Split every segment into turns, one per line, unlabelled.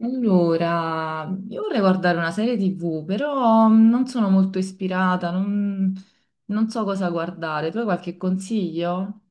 Allora, io vorrei guardare una serie TV, però non sono molto ispirata, non so cosa guardare. Tu hai qualche consiglio?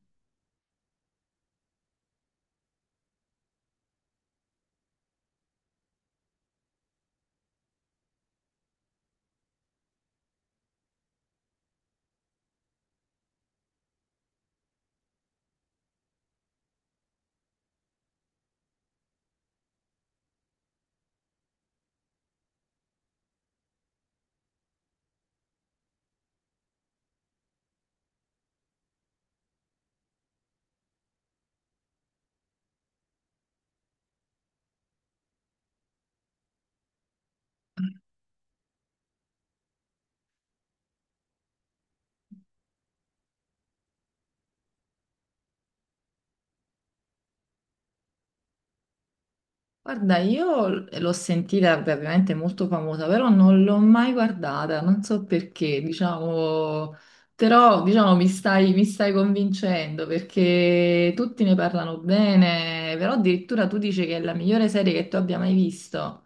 Guarda, io l'ho sentita, beh, ovviamente è molto famosa, però non l'ho mai guardata, non so perché, diciamo, però diciamo mi stai convincendo perché tutti ne parlano bene, però addirittura tu dici che è la migliore serie che tu abbia mai visto.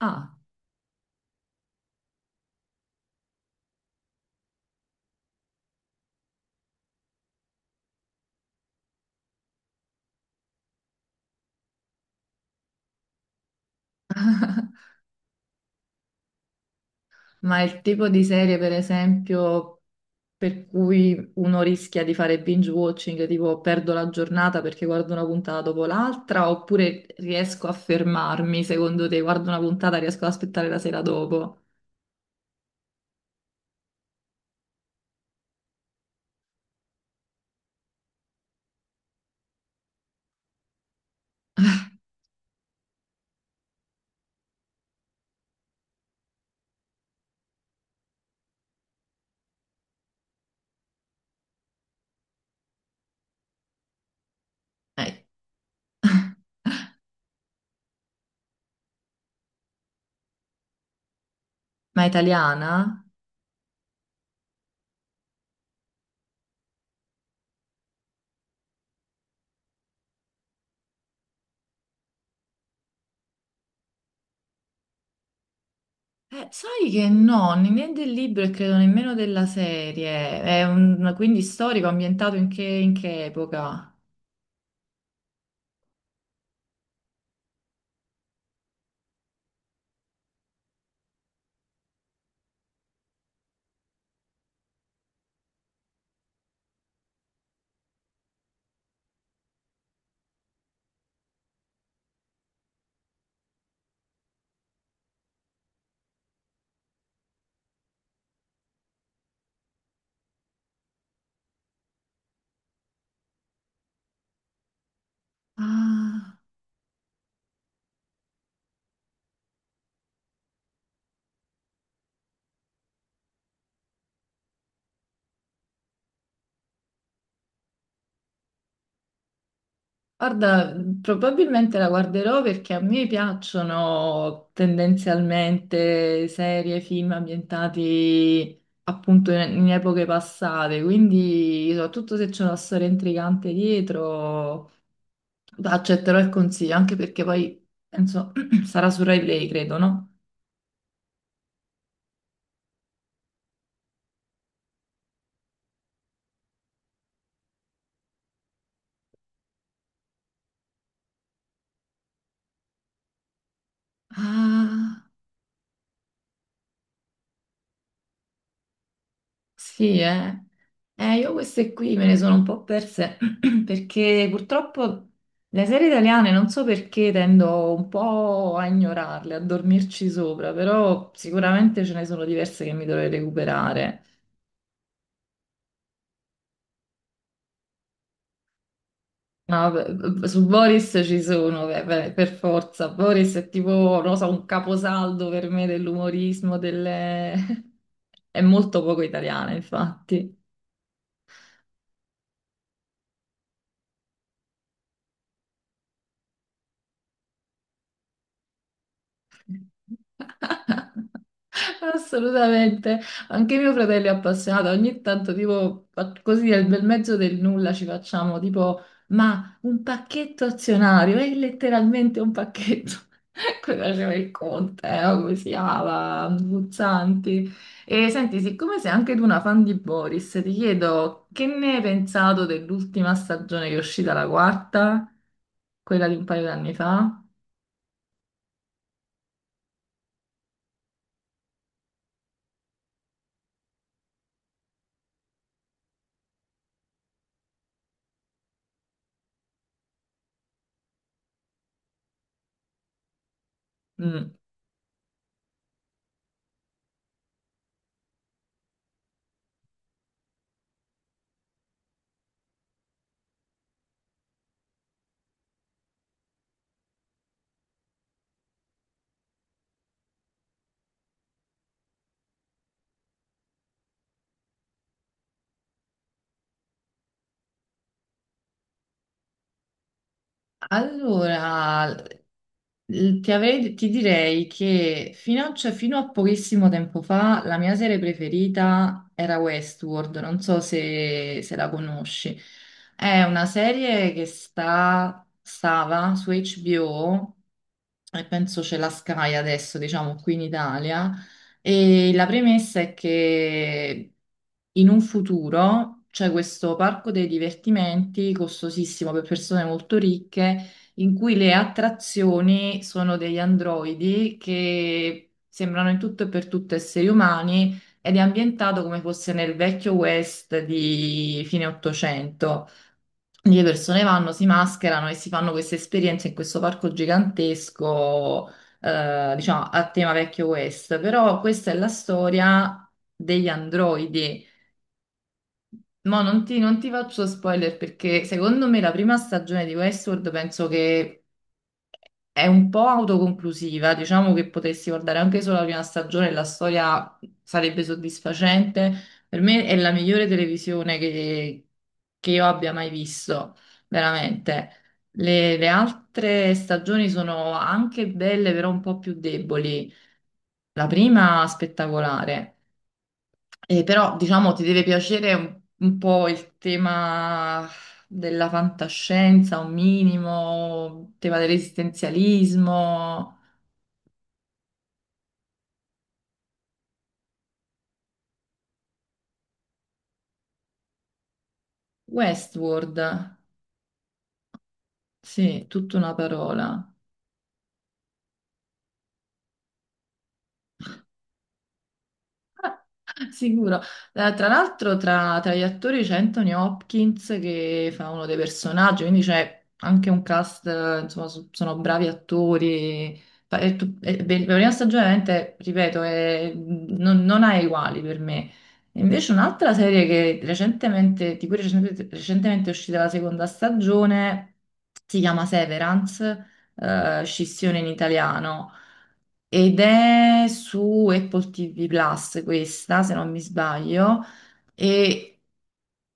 Ah, ma il tipo di serie, per esempio. Per cui uno rischia di fare binge watching, tipo perdo la giornata perché guardo una puntata dopo l'altra, oppure riesco a fermarmi, secondo te, guardo una puntata, riesco ad aspettare la sera dopo. Eh, ma italiana? Sai che no, né del libro e credo nemmeno della serie. È quindi storico, ambientato in che epoca? Ah. Guarda, probabilmente la guarderò perché a me piacciono tendenzialmente serie, film ambientati appunto in epoche passate, quindi soprattutto se c'è una storia intrigante dietro, accetterò il consiglio, anche perché poi penso sarà su Rai Play, credo, no? Ah. Sì, eh. Io queste qui me ne sono un po' perse perché purtroppo le serie italiane non so perché tendo un po' a ignorarle, a dormirci sopra, però sicuramente ce ne sono diverse che mi dovrei recuperare. No, vabbè, su Boris ci sono, beh, per forza. Boris è tipo, non lo so, un caposaldo per me dell'umorismo, delle. È molto poco italiana, infatti. Assolutamente, anche mio fratello è appassionato, ogni tanto tipo così nel bel mezzo del nulla ci facciamo tipo ma un pacchetto azionario, è letteralmente un pacchetto, quello faceva il conte, o come si chiama, Guzzanti. E senti, siccome sei anche tu una fan di Boris, ti chiedo che ne hai pensato dell'ultima stagione che è uscita la quarta, quella di un paio d'anni fa? Mm. Allora, ti direi che cioè, fino a pochissimo tempo fa la mia serie preferita era Westworld, non so se la conosci. È una serie che stava su HBO e penso c'è la Sky adesso, diciamo, qui in Italia. E la premessa è che in un futuro c'è questo parco dei divertimenti costosissimo per persone molto ricche, in cui le attrazioni sono degli androidi che sembrano in tutto e per tutto esseri umani ed è ambientato come fosse nel vecchio West di fine Ottocento. Le persone vanno, si mascherano e si fanno queste esperienze in questo parco gigantesco, diciamo, a tema vecchio West. Però questa è la storia degli androidi. Mo' non ti faccio spoiler perché secondo me la prima stagione di Westworld penso che è un po' autoconclusiva, diciamo che potessi guardare anche solo la prima stagione, e la storia sarebbe soddisfacente. Per me è la migliore televisione che io abbia mai visto, veramente. Le altre stagioni sono anche belle, però un po' più deboli. La prima spettacolare. Però diciamo ti deve piacere un po' il tema della fantascienza, un minimo, il tema dell'esistenzialismo. Westworld, sì, tutta una parola. Sicuro. Tra l'altro tra gli attori c'è Anthony Hopkins che fa uno dei personaggi, quindi c'è anche un cast, insomma, sono bravi attori. Fa- è tu- è be- La prima stagione, veramente, ripeto, non ha uguali per me. E invece un'altra serie che recentemente, di cui recentemente, recentemente è uscita la seconda stagione, si chiama Severance, scissione in italiano. Ed è su Apple TV Plus questa, se non mi sbaglio. E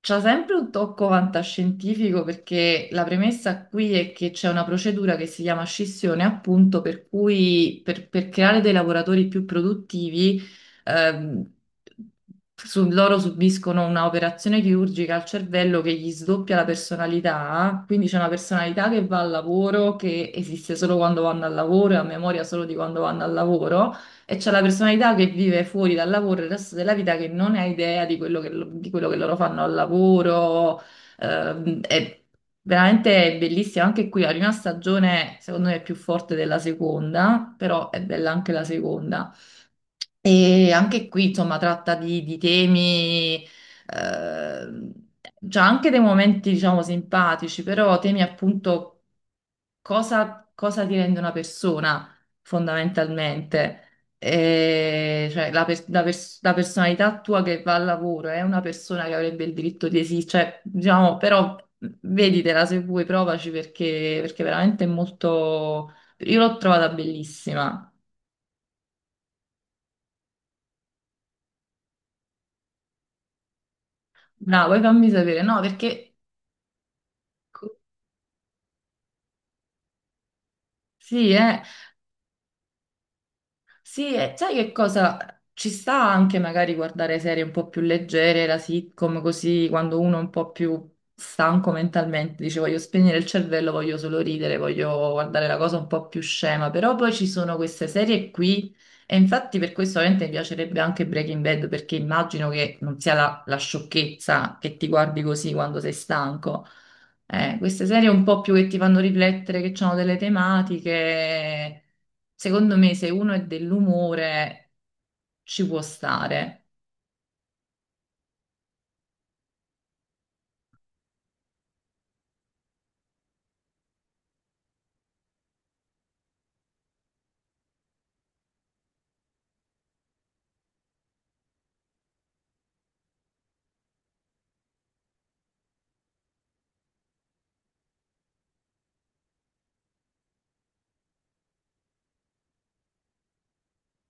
c'ha sempre un tocco fantascientifico perché la premessa qui è che c'è una procedura che si chiama scissione, appunto, per cui per creare dei lavoratori più produttivi, ehm, loro subiscono un'operazione chirurgica al cervello che gli sdoppia la personalità, quindi c'è una personalità che va al lavoro, che esiste solo quando vanno al lavoro e ha memoria solo di quando vanno al lavoro. E c'è la personalità che vive fuori dal lavoro il resto della vita che non ha idea di quello che loro fanno al lavoro. È veramente bellissima. Anche qui la prima stagione, secondo me, è più forte della seconda, però è bella anche la seconda. E anche qui, insomma, tratta di temi, ehm, c'ha anche dei momenti, diciamo, simpatici, però temi appunto cosa ti rende una persona fondamentalmente? Cioè, la personalità tua che va al lavoro è una persona che avrebbe il diritto di esistere, cioè, diciamo, però veditela se vuoi, provaci perché veramente è molto. Io l'ho trovata bellissima. Bravo, e fammi sapere, no, perché. Sì, eh. Sì, e sai che cosa? Ci sta anche magari guardare serie un po' più leggere, la sitcom, così quando uno è un po' più stanco mentalmente, dice voglio spegnere il cervello, voglio solo ridere, voglio guardare la cosa un po' più scema, però poi ci sono queste serie qui e infatti per questo ovviamente mi piacerebbe anche Breaking Bad perché immagino che non sia la sciocchezza che ti guardi così quando sei stanco. Queste serie un po' più che ti fanno riflettere, che hanno delle tematiche. Secondo me, se uno è dell'umore, ci può stare.